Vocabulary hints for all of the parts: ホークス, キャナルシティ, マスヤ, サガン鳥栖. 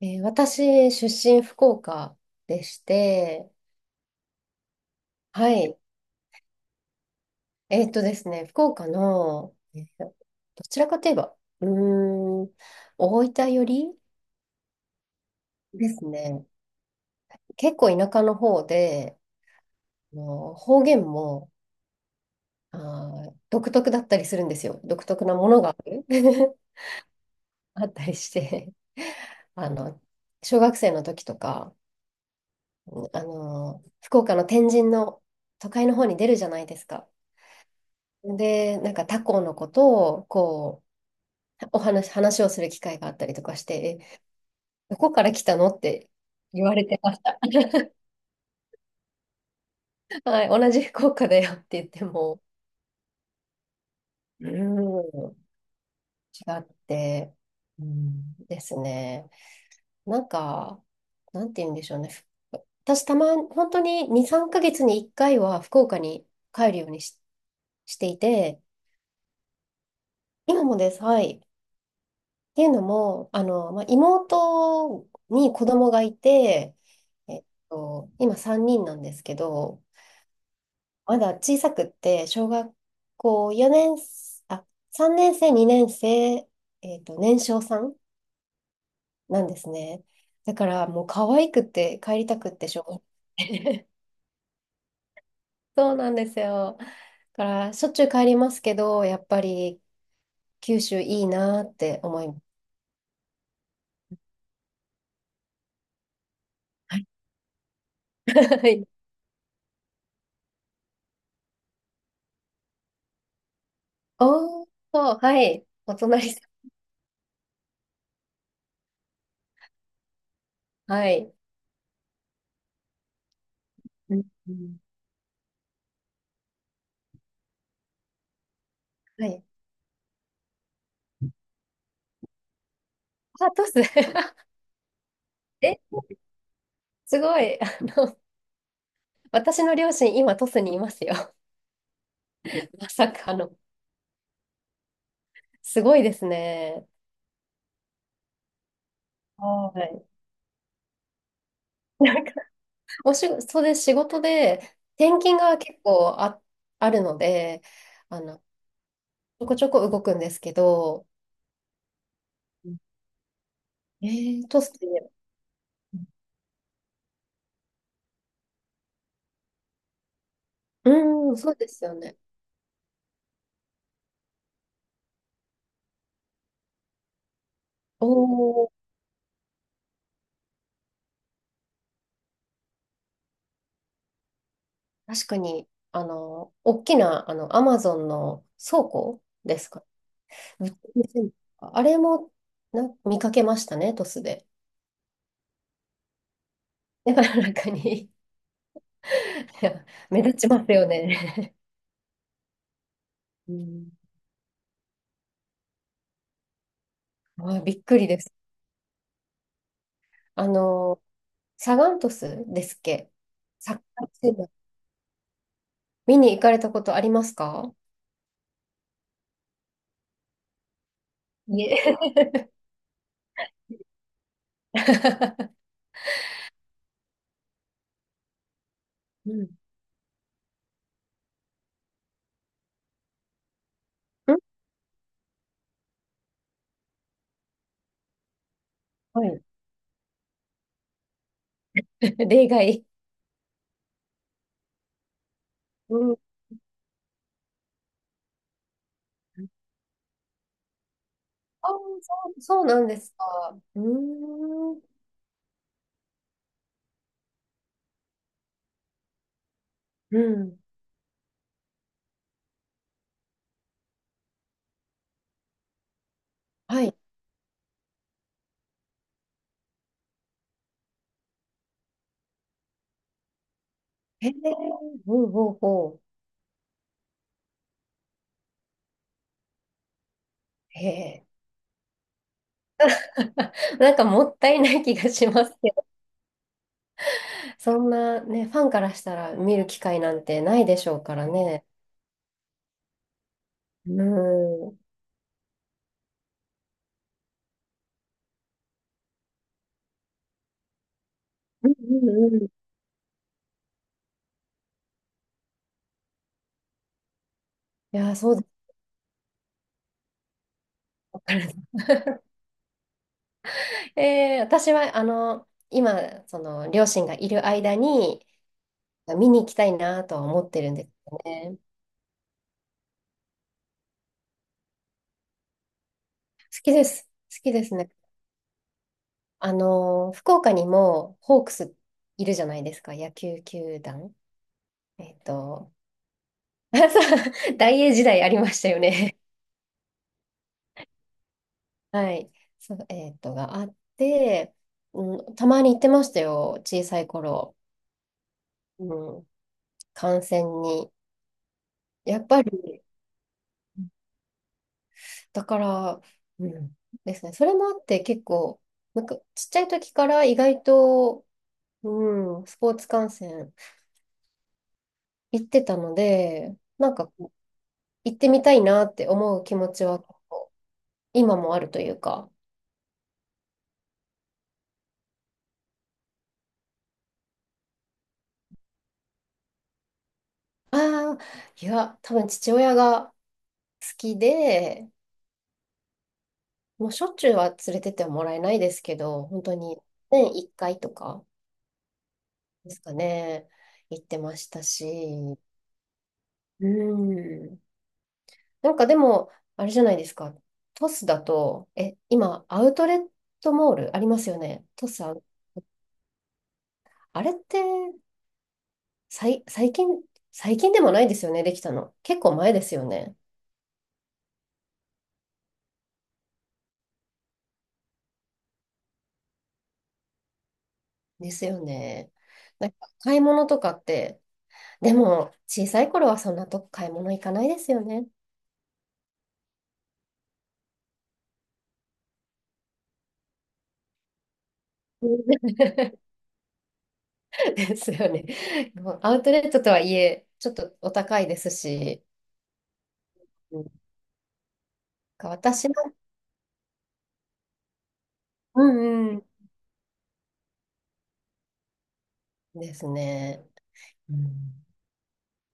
私、出身福岡でして、はい。ですね、福岡の、どちらかといえば、うーん、大分寄りですね。結構田舎の方で、あの方言も、あ独特だったりするんですよ。独特なものがある あったりして。あの、小学生の時とか、あの、福岡の天神の都会の方に出るじゃないですか。で、なんか他校のことを、こう、話をする機会があったりとかして、えどこから来たのって言われてました。はい、同じ福岡だよって言っても、うーん、違って、うんですね。なんか、なんて言うんでしょうね。私、本当に2、3ヶ月に1回は福岡に帰るようにしていて、今もです。はい。っていうのも、あの、まあ、妹に子供がいて、えっ今3人なんですけど、まだ小さくって、小学校4年、あ、3年生、2年生、年少さんなんですね。だからもう可愛くて帰りたくってしょうがない。 そうなんですよ。だからしょっちゅう帰りますけど、やっぱり九州いいなって思います。はい。おー、はい。お隣さん。はい。うんうん、はい。あ、トス。え、すごい。あの、私の両親、今、トスにいますよ。まさかの。すごいですね。はい。なんか、お仕事で仕事で、転勤が結構あるので、あの、ちょこちょこ動くんですけど、うんえ、トスって、うん、そうですよね。おお、確かに、あの、大きな、あの、アマゾンの倉庫ですかね。めっちゃ見せるあれもな見かけましたね、トスで。だから中に いや目立ちますよね。うん、あ、びっくりです。あの、サガン鳥栖ですっけ？サッカーチーム見に行かれたことありますか？いえ。うん。はい。例外。うん。ああ、そう、そうなんですか。うーん。うん。はい。へえ。ほうほうほう。へえ。なんかもったいない気がしますけど、そんなね、ファンからしたら見る機会なんてないでしょうからね。うん。うんうんうん。いや、そうです。わかる 私は、あの、今、その、両親がいる間に、見に行きたいなとは思ってるんですよね。好きです。好きですね。あの、福岡にも、ホークスいるじゃないですか、野球球団。えっと、大英時代ありましたよね。はい。そう、があって、うん、たまに行ってましたよ、小さい頃。うん、観戦に。やっぱり、だから、うん、ですね。それもあって結構、なんかちっちゃい時から意外と、うん、スポーツ観戦行ってたので、なんかこう行ってみたいなって思う気持ちは結構今もあるというか、ああ、いや、多分父親が好きで、もうしょっちゅうは連れてってはもらえないですけど、本当に年1回とかですかね、行ってましたし、うん。なんかでも、あれじゃないですか、トスだと、今、アウトレットモールありますよね、トスあれって最近、最近でもないですよね、できたの。結構前ですよね。ですよね。なんか買い物とかって、でも、小さい頃はそんなとこ買い物行かないですよね。うん ですよね。もうアウトレットとはいえ、ちょっとお高いですし、うん私の、うんうん、ですね。うん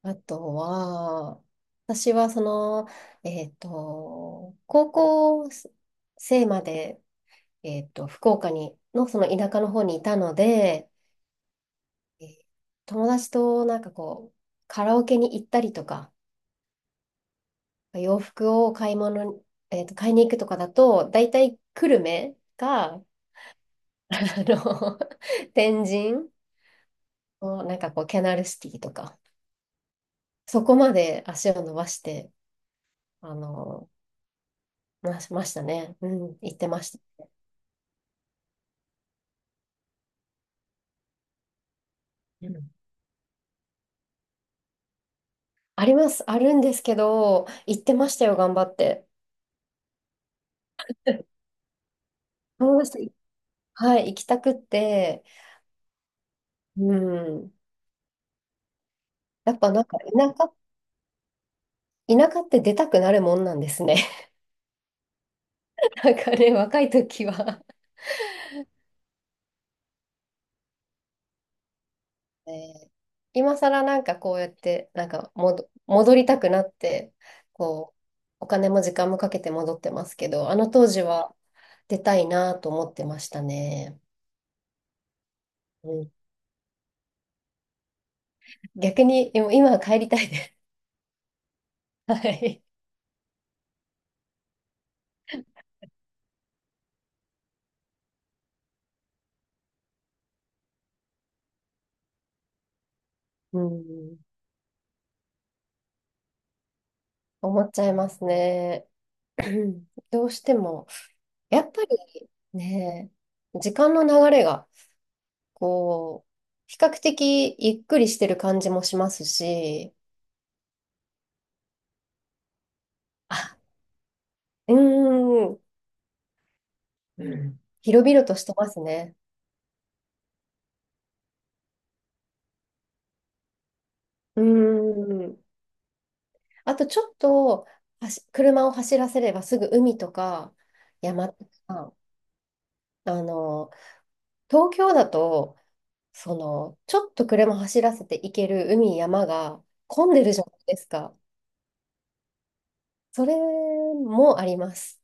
あとは、私はその、高校生まで、福岡に、のその田舎の方にいたので、えー友達となんかこう、カラオケに行ったりとか、洋服を買い物に、買いに行くとかだと、だいたい久留米があの、天神をなんかこう、キャナルシティとか、そこまで足を伸ばして、あの、ましたね。うん、行ってました。うんあります、あるんですけど、行ってましたよ、頑張って。どうして、はい、行きたくって、うん。やっぱなんか、田舎、田舎って出たくなるもんなんですね。なんかね、若い時は。えー今更なんかこうやって、なんか戻りたくなって、こう、お金も時間もかけて戻ってますけど、あの当時は出たいなと思ってましたね。うん、逆に今は帰りたいです。はい。うん、思っちゃいますね。どうしても、やっぱりね、時間の流れが、こう、比較的ゆっくりしてる感じもしますし、あ、うーん、うん。広々としてますね。うーん。あとちょっと車を走らせればすぐ海とか山とか、あの、東京だと、その、ちょっと車走らせて行ける海、山が混んでるじゃないですか。それもあります。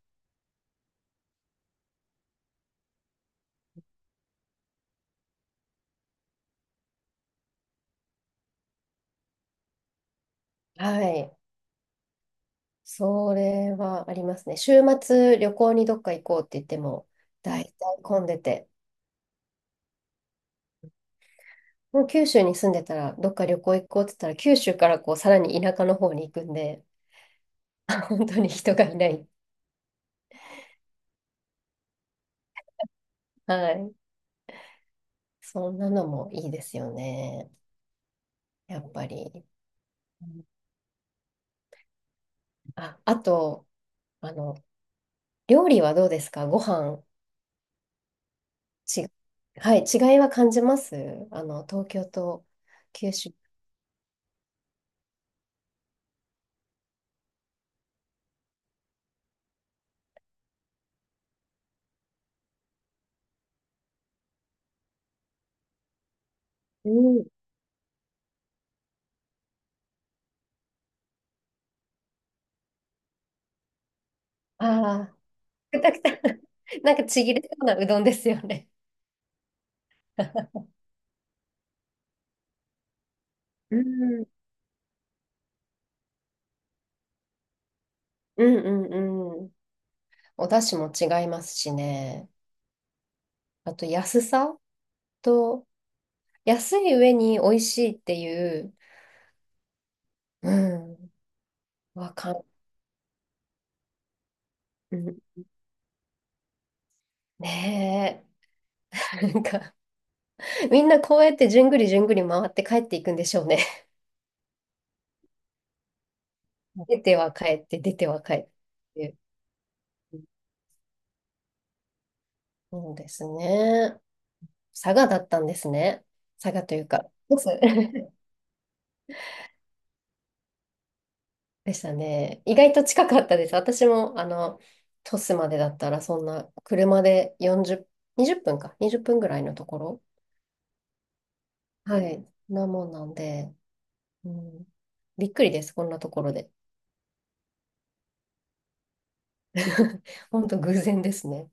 はい。それはありますね。週末旅行にどっか行こうって言っても、大体混んでて。もう九州に住んでたら、どっか旅行行こうって言ったら、九州からこう、さらに田舎の方に行くんで、あ本当に人がいない。はい。そんなのもいいですよね。やっぱり。うんあ、あと、あの、料理はどうですか？ご飯、ち、はい、違いは感じますあの、東京と九州。うん。ああ、くたくた。なんかちぎれそうなうどんですよね。うん、うん、うん、うん。お出汁も違いますしね。あと安さと、安い上に美味しいっていう、うん、わかん、うんねえ。なんか、みんなこうやってじゅんぐりじゅんぐり回って帰っていくんでしょうね。出ては帰って、出ては帰ってっていう。そうですね。佐賀だったんですね。佐賀というか、鳥栖 でしたね。意外と近かったです。私も、あの、鳥栖までだったら、そんな、車で40、20分か、20分ぐらいのところ。はい。なもんなんで。うん、びっくりです、こんなところで。本当偶然ですね。